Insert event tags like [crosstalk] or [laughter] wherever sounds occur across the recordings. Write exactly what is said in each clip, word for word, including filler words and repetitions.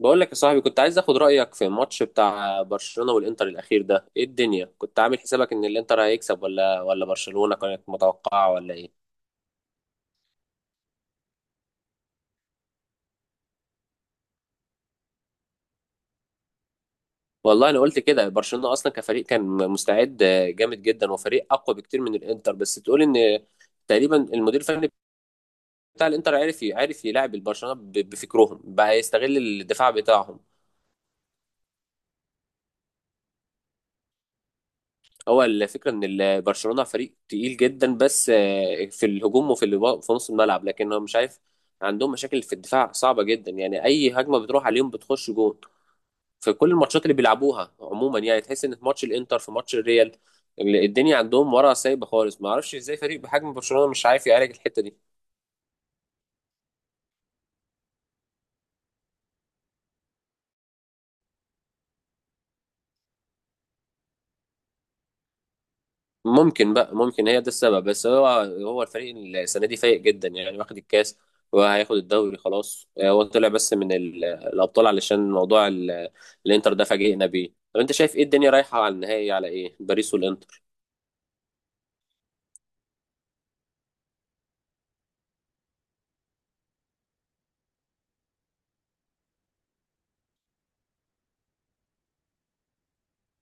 بقول لك يا صاحبي، كنت عايز اخد رايك في الماتش بتاع برشلونه والانتر الاخير ده. ايه الدنيا؟ كنت عامل حسابك ان الانتر هيكسب ولا ولا برشلونه كانت متوقعه ولا ايه؟ والله انا قلت كده، برشلونه اصلا كفريق كان مستعد جامد جدا، وفريق اقوى بكتير من الانتر. بس تقول ان تقريبا المدير الفني بتاع الانتر عارف عارف يلعب البرشلونه، ب- بفكرهم بقى يستغل الدفاع بتاعهم. هو الفكره ان ال- برشلونه فريق تقيل جدا بس آه، في الهجوم وفي اللي في نص الملعب، لكن هو مش عارف عندهم مشاكل في الدفاع صعبه جدا. يعني اي هجمه بتروح عليهم بتخش جون في كل الماتشات اللي بيلعبوها عموما. يعني تحس ان في ماتش الانتر، في ماتش الريال، ال- الدنيا عندهم ورا سايبه خالص. ما اعرفش ازاي فريق بحجم برشلونه مش عارف يعالج الحته دي. ممكن بقى ممكن هي ده السبب، بس هو هو الفريق السنه دي فايق جدا، يعني واخد الكاس وهياخد الدوري خلاص. آه، هو طلع بس من ال- الابطال علشان موضوع ال- الانتر ده فاجئنا بيه. طب انت شايف ايه؟ الدنيا رايحه على النهائي على ايه، باريس والانتر؟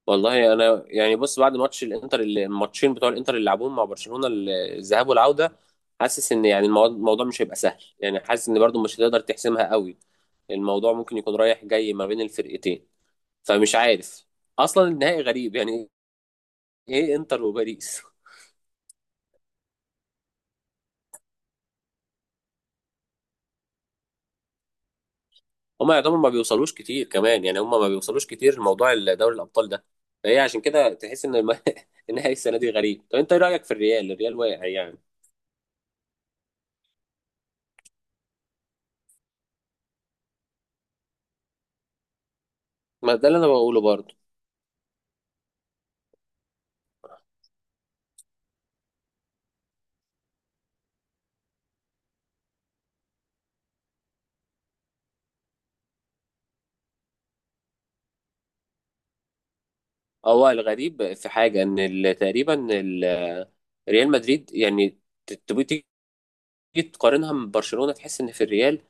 والله انا يعني بص، بعد ماتش الانتر، اللي- الماتشين بتوع الانتر اللي لعبوهم مع برشلونه، ال- الذهاب والعوده، حاسس ان يعني المو- الموضوع مش هيبقى سهل. يعني حاسس ان برضو مش هتقدر تحسمها قوي. الموضوع ممكن يكون رايح جاي ما بين الفرقتين، فمش عارف. اصلا النهائي غريب يعني، ايه، انتر وباريس؟ هما يعتبر ما بيوصلوش كتير كمان، يعني هما ما بيوصلوش كتير لموضوع دوري الابطال ده. فهي عشان كده تحس ان الم... [laughs] النهائي السنه دي غريب. طب انت ايه رايك في الريال؟ الريال واقع يعني. ما ده اللي انا بقوله برضه. هو الغريب في حاجه ان ال- تقريبا ال- ريال مدريد يعني، ت- تبقى تيجي تقارنها من برشلونه، تحس ان في الريال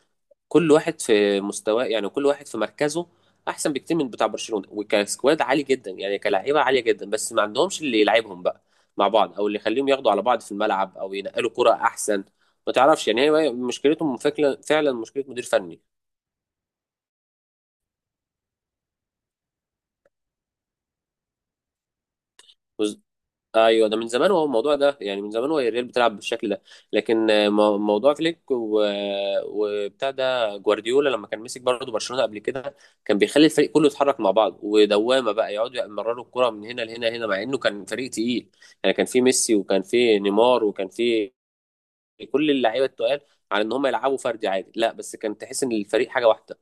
كل واحد في مستواه، يعني كل واحد في مركزه احسن بكتير من بتاع برشلونه. وكسكواد عالي جدا، يعني كلاعيبه عاليه جدا، بس ما عندهمش اللي يلعبهم بقى مع بعض، او اللي يخليهم ياخدوا على بعض في الملعب، او ينقلوا كرة احسن. ما تعرفش يعني، هي مشكلتهم فكرة- فعلا مشكله مدير فني. ايوه، ده من زمان، هو الموضوع ده يعني من زمان هو الريال بتلعب بالشكل ده. لكن آه، مو- موضوع فليك و... وبتاع ده جوارديولا، لما كان مسك برضه برشلونه قبل كده، كان بيخلي الفريق كله يتحرك مع بعض، ودوامه بقى يقعدوا يمرروا الكره من هنا لهنا هنا، مع انه كان فريق تقيل. يعني كان في ميسي وكان في نيمار وكان في كل اللعيبه التقال، على ان هم يلعبوا فردي عادي؟ لا، بس كان تحس ان الفريق حاجه واحده.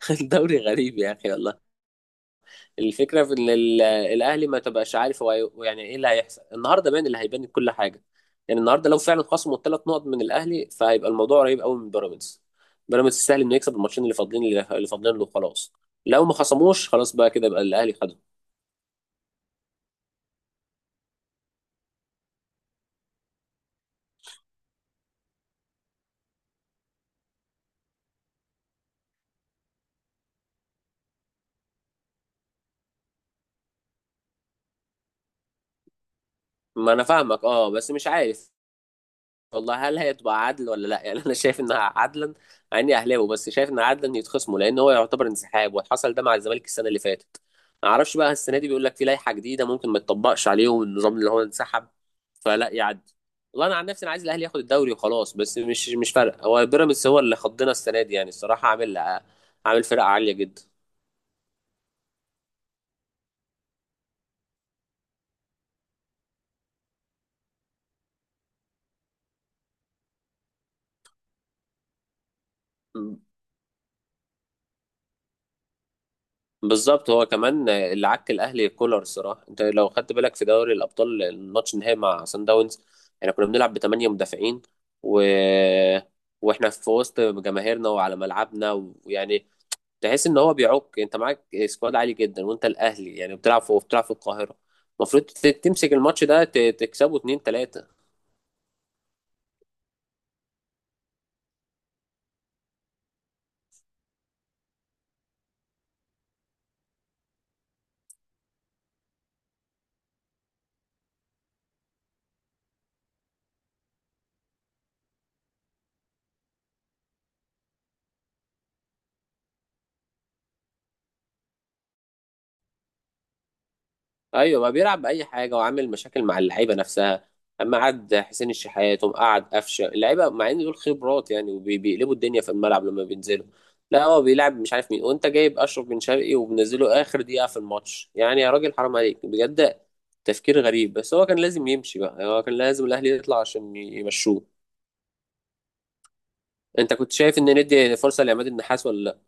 [laughs] الدوري غريب يا اخي والله. الفكرة في إن ال- الأهلي ما تبقاش عارف هو هي- يعني إيه اللي هيحصل النهاردة. باين اللي هيبان كل حاجة. يعني النهاردة لو فعلا خصموا الثلاث نقط من الأهلي، فهيبقى الموضوع قريب قوي من بيراميدز. بيراميدز سهل إنه يكسب الماتشين اللي فاضلين، اللي فاضلين له خلاص. لو ما خصموش، خلاص بقى، كده بقى الأهلي خده. ما أنا فاهمك أه، بس مش عارف والله، هل هي تبقى عدل ولا لا؟ يعني انا شايف انها عدلا، مع اني اهلاوي، بس شايف ان عدلا يتخصموا، لان هو يعتبر انسحاب، وحصل ده مع الزمالك السنه اللي فاتت. ما اعرفش بقى السنه دي بيقول لك في لائحه جديده ممكن ما تطبقش عليهم النظام، اللي هو انسحب فلا يعدي. والله انا عن نفسي انا عايز الاهلي ياخد الدوري وخلاص، بس مش مش فارق. هو بيراميدز هو اللي خضنا السنه دي يعني، الصراحه عامل عامل فرقه عاليه جدا. بالظبط، هو كمان اللي عك الاهلي كولر. الصراحه انت لو خدت بالك في دوري الابطال، الماتش النهائي مع سان داونز، احنا كنا بنلعب بثمانيه مدافعين و... واحنا في وسط جماهيرنا وعلى ملعبنا، ويعني تحس ان هو بيعك. انت معاك سكواد عالي جدا، وانت الاهلي يعني، بتلعب في بتلعب في القاهره، المفروض ت- تمسك الماتش ده، ت- تكسبه اتنين تلاتة. ايوه ما بيلعب باي حاجه، وعامل مشاكل مع اللعيبه نفسها. اما قعد حسين الشحات وقعد قفشه اللعيبه، مع ان دول خبرات يعني، وبيقلبوا الدنيا في الملعب لما بينزلوا. لا، هو بيلعب مش عارف مين، وانت جايب اشرف بن شرقي وبنزله اخر دقيقه في الماتش. يعني يا راجل حرام عليك بجد، تفكير غريب. بس هو كان لازم يمشي بقى، يعني هو كان لازم الاهلي يطلع عشان يمشوه. انت كنت شايف ان ندي فرصه لعماد النحاس ولا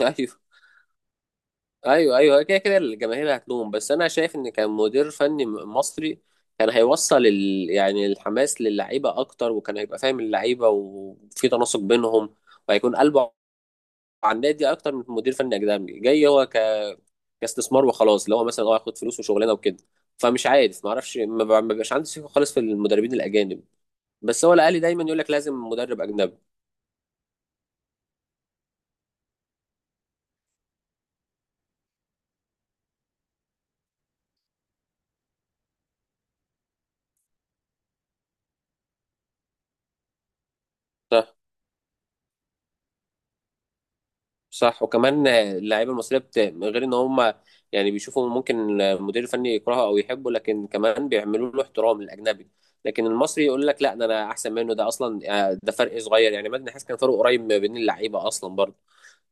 لا؟ [laughs] ايوه ايوه ايوه، كده كده الجماهير هتلوم. بس انا شايف ان كان مدير فني م- مصري كان هيوصل ال... يعني الحماس للعيبه اكتر، وكان هيبقى فاهم اللعيبه وفي تناسق بينهم، وهيكون قلبه على النادي اكتر من مدير فني اجنبي جاي هو ك... كاستثمار وخلاص. اللي هو مثلا اه، هاخد فلوس وشغلانه وكده. فمش عارف، ما اعرفش، ما ب- ما بيبقاش عندي ثقه خالص في المدربين الاجانب. بس هو الاهلي دايما يقول لك لازم مدرب اجنبي. صح، وكمان اللعيبه المصريه بت... من غير ان هم يعني بيشوفوا ممكن المدير الفني يكرهه او يحبه، لكن كمان بيعملوا له احترام الاجنبي. لكن المصري يقول لك لا، ده انا احسن منه ده اصلا. آه، ده فرق صغير يعني، مجدي حس كان فرق قريب ما بين اللعيبه اصلا برضه.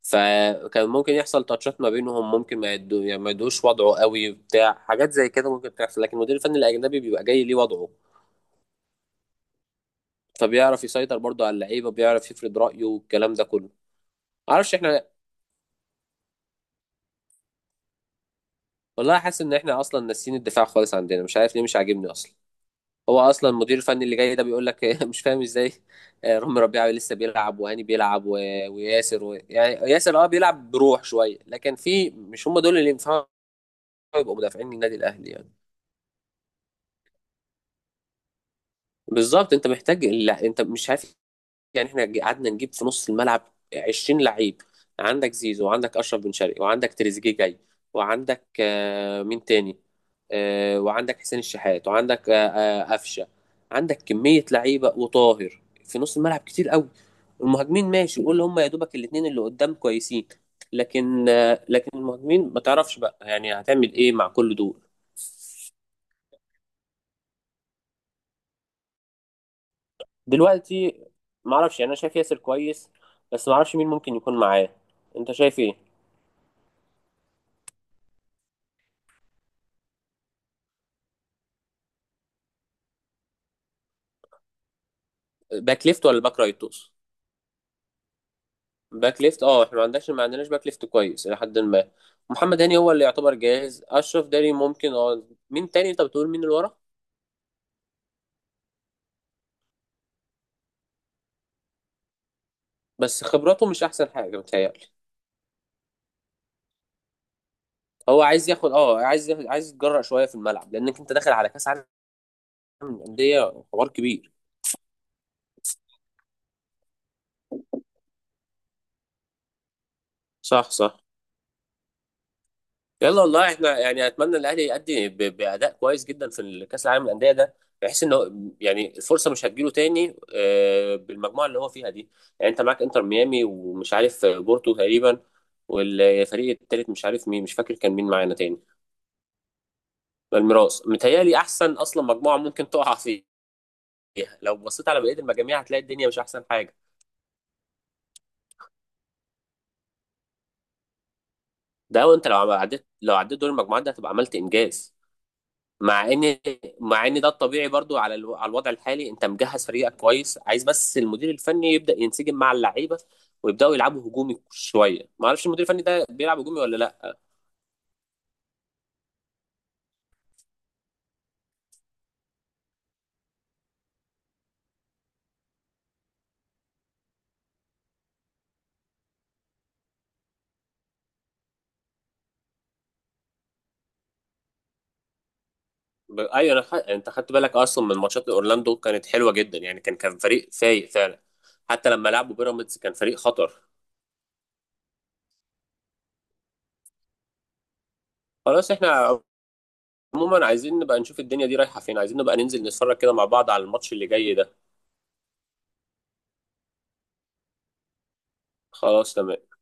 فكان ممكن يحصل تاتشات ما بينهم، ممكن ما يدو... يعني ما يدوش وضعه قوي بتاع حاجات زي كده، ممكن تحصل. لكن المدير الفني الاجنبي بيبقى جاي ليه وضعه، فبيعرف يسيطر برضه على اللعيبه، بيعرف يفرض رايه والكلام ده كله. معرفش احنا. والله حاسس ان احنا اصلا ناسيين الدفاع خالص عندنا، مش عارف ليه، مش عاجبني اصلا. هو اصلا المدير الفني اللي جاي ده بيقول لك [laughs] مش فاهم ازاي. آه، رامي ربيعه لسه بيلعب، وهاني بيلعب و... وياسر و... يعني ياسر اه بيلعب بروح شويه، لكن في مش هم دول اللي ينفعوا يبقوا مدافعين للنادي الاهلي يعني. بالظبط، انت محتاج، لا انت مش عارف. يعني احنا ج- قعدنا نجيب في نص الملعب عشرين لعيب. عندك زيزو، وعندك اشرف بن شرقي، وعندك تريزيجيه جاي، وعندك آه، مين تاني؟ آه، وعندك حسين الشحات، وعندك آه، آه، قفشه. عندك كميه لعيبه وطاهر في نص الملعب كتير قوي. المهاجمين ماشي، قول هم يا دوبك الاثنين اللي قدام كويسين. لكن آه، لكن المهاجمين ما تعرفش بقى يعني هتعمل ايه مع كل دول. دلوقتي، ما اعرفش يعني، انا شايف ياسر كويس، بس ما اعرفش مين ممكن يكون معاه. انت شايف ايه؟ باك ليفت ولا باك رايت تقصد؟ باك ليفت، اه، احنا ما عندناش ما عندناش باك ليفت كويس الى حد ما. محمد هاني هو اللي يعتبر جاهز، اشرف داني ممكن، اه. مين تاني انت بتقول، مين اللي ورا؟ بس خبراته مش احسن حاجه متهيألي. هو عايز ياخد، اه، عايز ياخد عايز يتجرأ شويه في الملعب، لانك انت داخل على كاس عالم للانديه، حوار كبير. صح صح. يلا، والله احنا يعني اتمنى الاهلي يأدي ب- باداء كويس جدا في كاس العالم للانديه ده. بحيث ان هو يعني الفرصه مش هتجيله تاني، آه، بالمجموعه اللي هو فيها دي. يعني انت معاك انتر ميامي، ومش عارف بورتو تقريبا، والفريق التالت مش عارف مين، مش فاكر كان مين معانا تاني. الميراث متهيألي احسن اصلا مجموعه ممكن تقع فيها. لو بصيت على بقيه المجاميع هتلاقي الدنيا مش احسن حاجه. ده وانت لو عديت، لو عديت دور المجموعات ده هتبقى عملت انجاز. مع ان مع ان ده الطبيعي برضو على الو... على الوضع الحالي. انت مجهز فريقك كويس، عايز بس المدير الفني يبدا ينسجم مع اللعيبه، ويبداوا يلعبوا هجومي شويه. ما اعرفش المدير الفني ده بيلعب هجومي ولا لا. ب... ايوه انا خ... انت خدت بالك اصلا من ماتشات اورلاندو، كانت حلوه جدا يعني، كان كان فريق فايق فعلا. حتى لما لعبوا بيراميدز كان فريق خطر. خلاص، احنا عموما عايزين نبقى نشوف الدنيا دي رايحه فين، عايزين نبقى ننزل نتفرج كده مع بعض على الماتش اللي جاي ده. خلاص تمام.